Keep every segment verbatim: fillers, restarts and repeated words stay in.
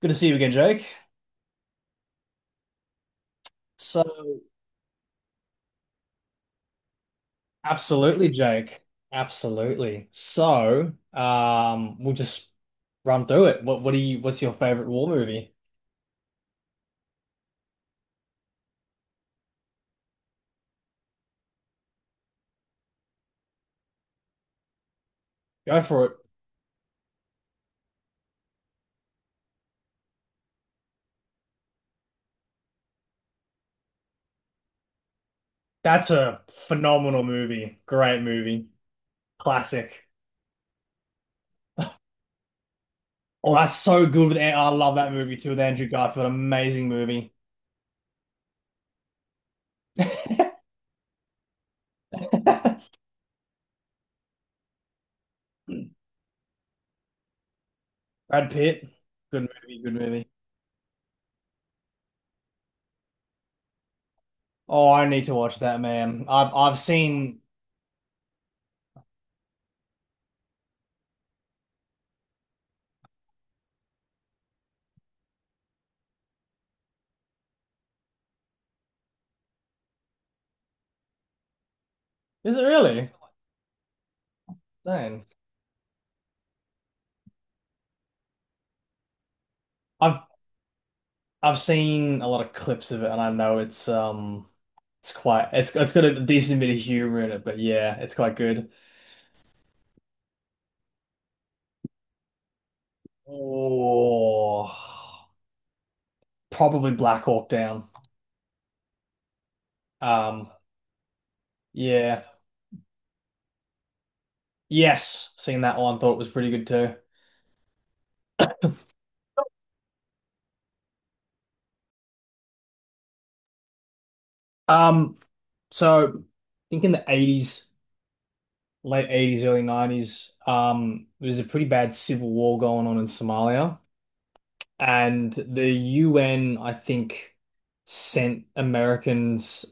Good to see you again, Jake. So, absolutely, Jake. Absolutely. So, um, we'll just run through it. What, what do you, what's your favorite war movie? Go for it. That's a phenomenal movie. Great movie. Classic. Oh, that's so good with, An- I love that movie too with Andrew Garfield. Amazing movie. Brad Pitt. Good movie, good movie. Oh, I need to watch that, man. I've I've seen. Is it really? Dang. I've I've seen a lot of clips of it, and I know it's um, it's quite it's it's got a decent bit of humor in it, but yeah, it's quite good. Oh, probably Black Hawk Down. Um, yeah, yes, seen that one. Thought it was pretty good too. Um, so I think in the eighties, late eighties, early nineties, um, there was a pretty bad civil war going on in Somalia, and the U N, I think, sent Americans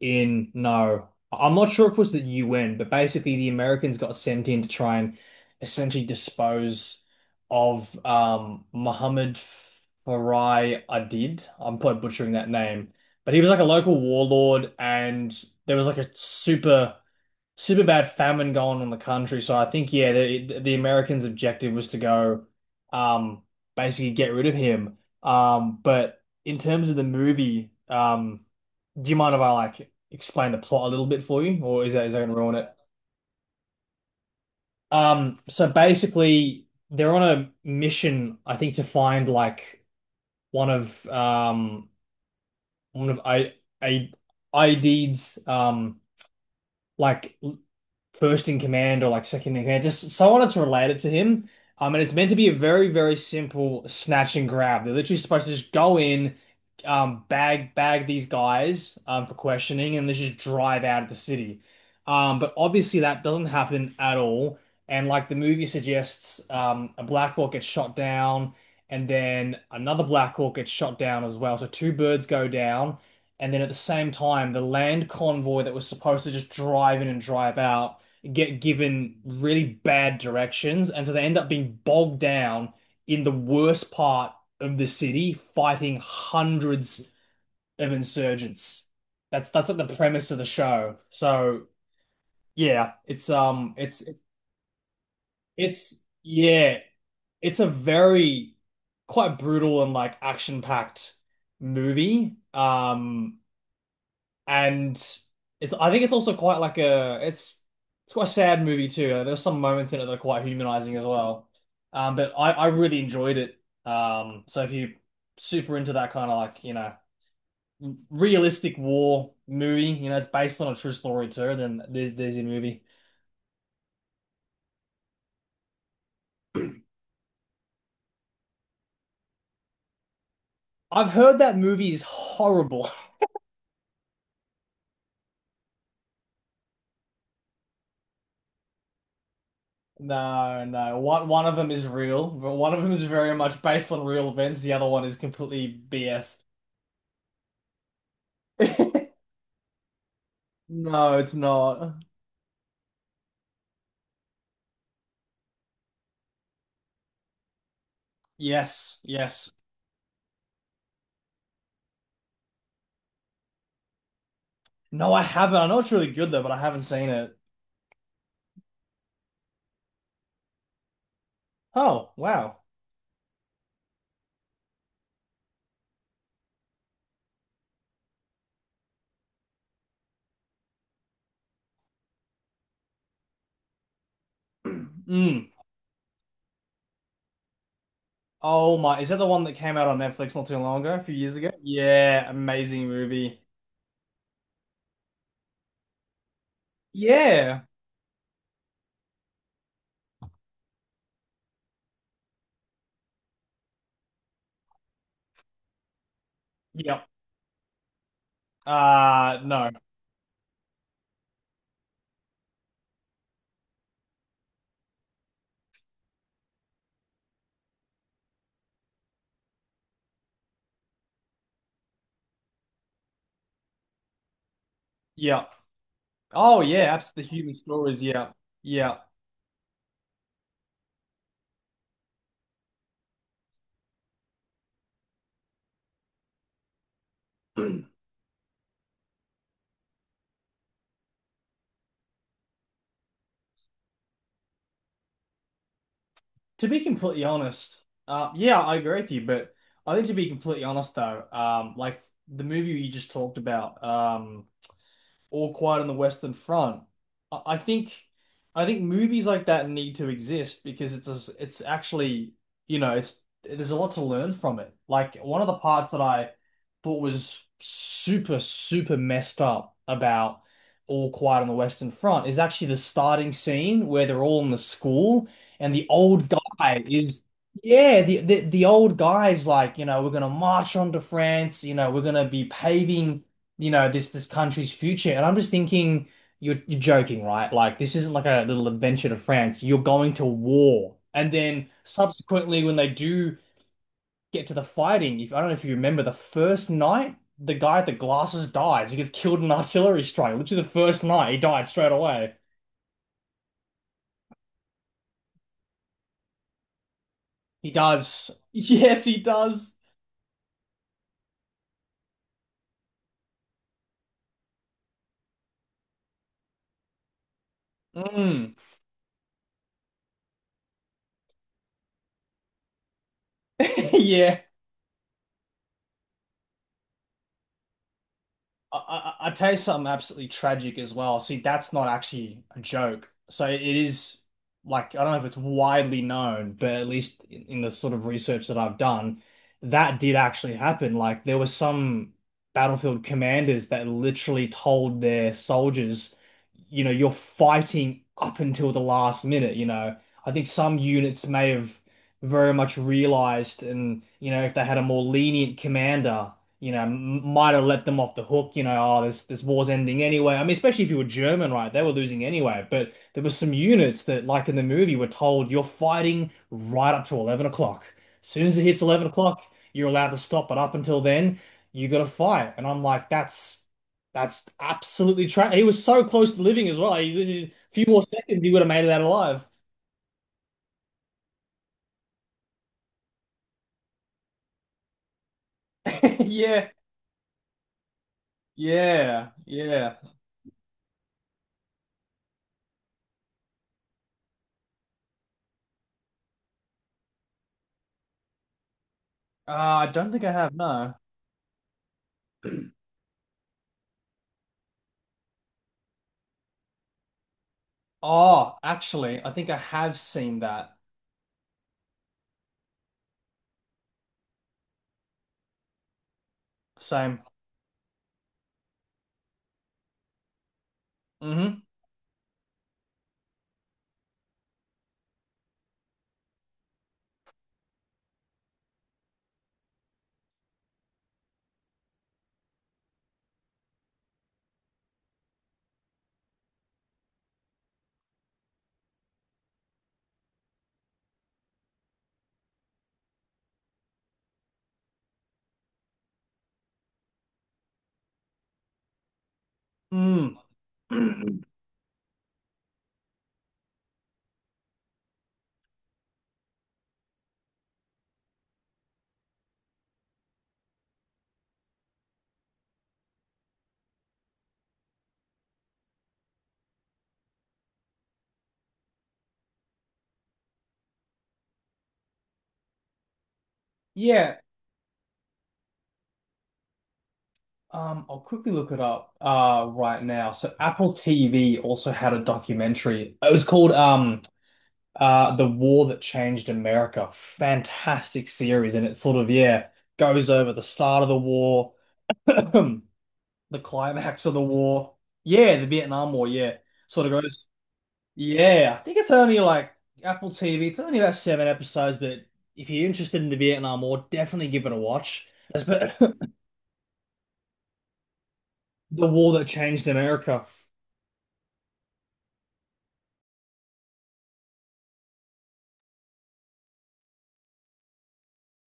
in no. I'm not sure if it was the U N, but basically the Americans got sent in to try and essentially dispose of um Mohammed Farai Adid. I'm probably butchering that name. But he was like a local warlord, and there was like a super super bad famine going on in the country. So I think yeah, the the Americans' objective was to go um basically get rid of him. Um but in terms of the movie, um do you mind if I like explain the plot a little bit for you, or is that is that gonna ruin it? Um, so basically, they're on a mission, I think, to find like one of um one of I I ID's um like first in command or like second in command, just someone that's related to him. Um, and it's meant to be a very, very simple snatch and grab. They're literally supposed to just go in, um, bag bag these guys um, for questioning, and they just drive out of the city. Um, but obviously that doesn't happen at all. And like the movie suggests, um, a Black Hawk gets shot down, and then another Black Hawk gets shot down as well. So two birds go down. And then at the same time, the land convoy that was supposed to just drive in and drive out get given really bad directions, and so they end up being bogged down in the worst part of the city, fighting hundreds of insurgents. That's that's like the premise of the show. So yeah, it's um, it's it's yeah, it's a very quite brutal and like action-packed movie. Um, And it's I think it's also quite like a it's it's quite a sad movie too. Uh, There's some moments in it that are quite humanizing as well. Um, but I I really enjoyed it. Um, so if you super into that kind of like you know realistic war movie, you know it's based on a true story too. Then there's there's your movie. I've heard that movie is horrible. No, no. One one of them is real, but one of them is very much based on real events. The other one is completely B S. No, it's not. Yes, yes. No, I haven't. I know it's really good though, but I haven't seen it. Oh, wow. Mm. Oh my, is that the one that came out on Netflix not too long ago, a few years ago? Yeah, amazing movie. Yeah. Yep. Uh no. Yep. Oh yeah, abs the human stories, yeah. Yeah. To be completely honest, uh yeah, I agree with you, but I think to be completely honest though, um like the movie you just talked about, um All Quiet on the Western Front. I I think I think movies like that need to exist because it's a, it's actually, you know, it's there's a lot to learn from it. Like one of the parts that I thought was super, super messed up about All Quiet on the Western Front is actually the starting scene where they're all in the school and the old guy is Yeah, the, the the old guy's like, you know, we're gonna march on to France, you know, we're gonna be paving you know, this this country's future. And I'm just thinking, you're you're joking, right? Like this isn't like a little adventure to France. You're going to war. And then subsequently, when they do get to the fighting, if I don't know if you remember the first night, the guy with the glasses dies. He gets killed in an artillery strike. Literally the first night, he died straight away. He does. Yes, he does. Mm. Yeah. I, I, i tell you something absolutely tragic as well. See, that's not actually a joke. So it is like, I don't know if it's widely known, but at least in, in the sort of research that I've done, that did actually happen. Like there was some battlefield commanders that literally told their soldiers, you know, you're fighting up until the last minute, you know. I think some units may have very much realized and, you know, if they had a more lenient commander you know, might have let them off the hook, you know, oh, this this war's ending anyway. I mean, especially if you were German, right? They were losing anyway. But there were some units that, like in the movie, were told you're fighting right up to eleven o'clock. As soon as it hits eleven o'clock, you're allowed to stop, but up until then, you got to fight. And I'm like, that's that's absolutely tra He was so close to living as well. He- a few more seconds, he would have made it out alive. Yeah, yeah, yeah. Uh, I don't think I have, no. Oh, actually, I think I have seen that. Same. Hmm. Mm. Yeah. Um, I'll quickly look it up uh right now. So Apple T V also had a documentary. It was called um uh The War That Changed America. Fantastic series, and it sort of yeah goes over the start of the war, the climax of the war. Yeah, the Vietnam War, yeah. Sort of goes Yeah, I think it's only like Apple T V. It's only about seven episodes, but if you're interested in the Vietnam War, definitely give it a watch. That's about the war that changed America.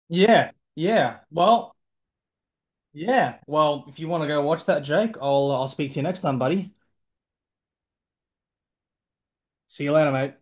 Yeah, yeah. Well, yeah. Well, if you want to go watch that, Jake, I'll uh, I'll speak to you next time, buddy. See you later, mate.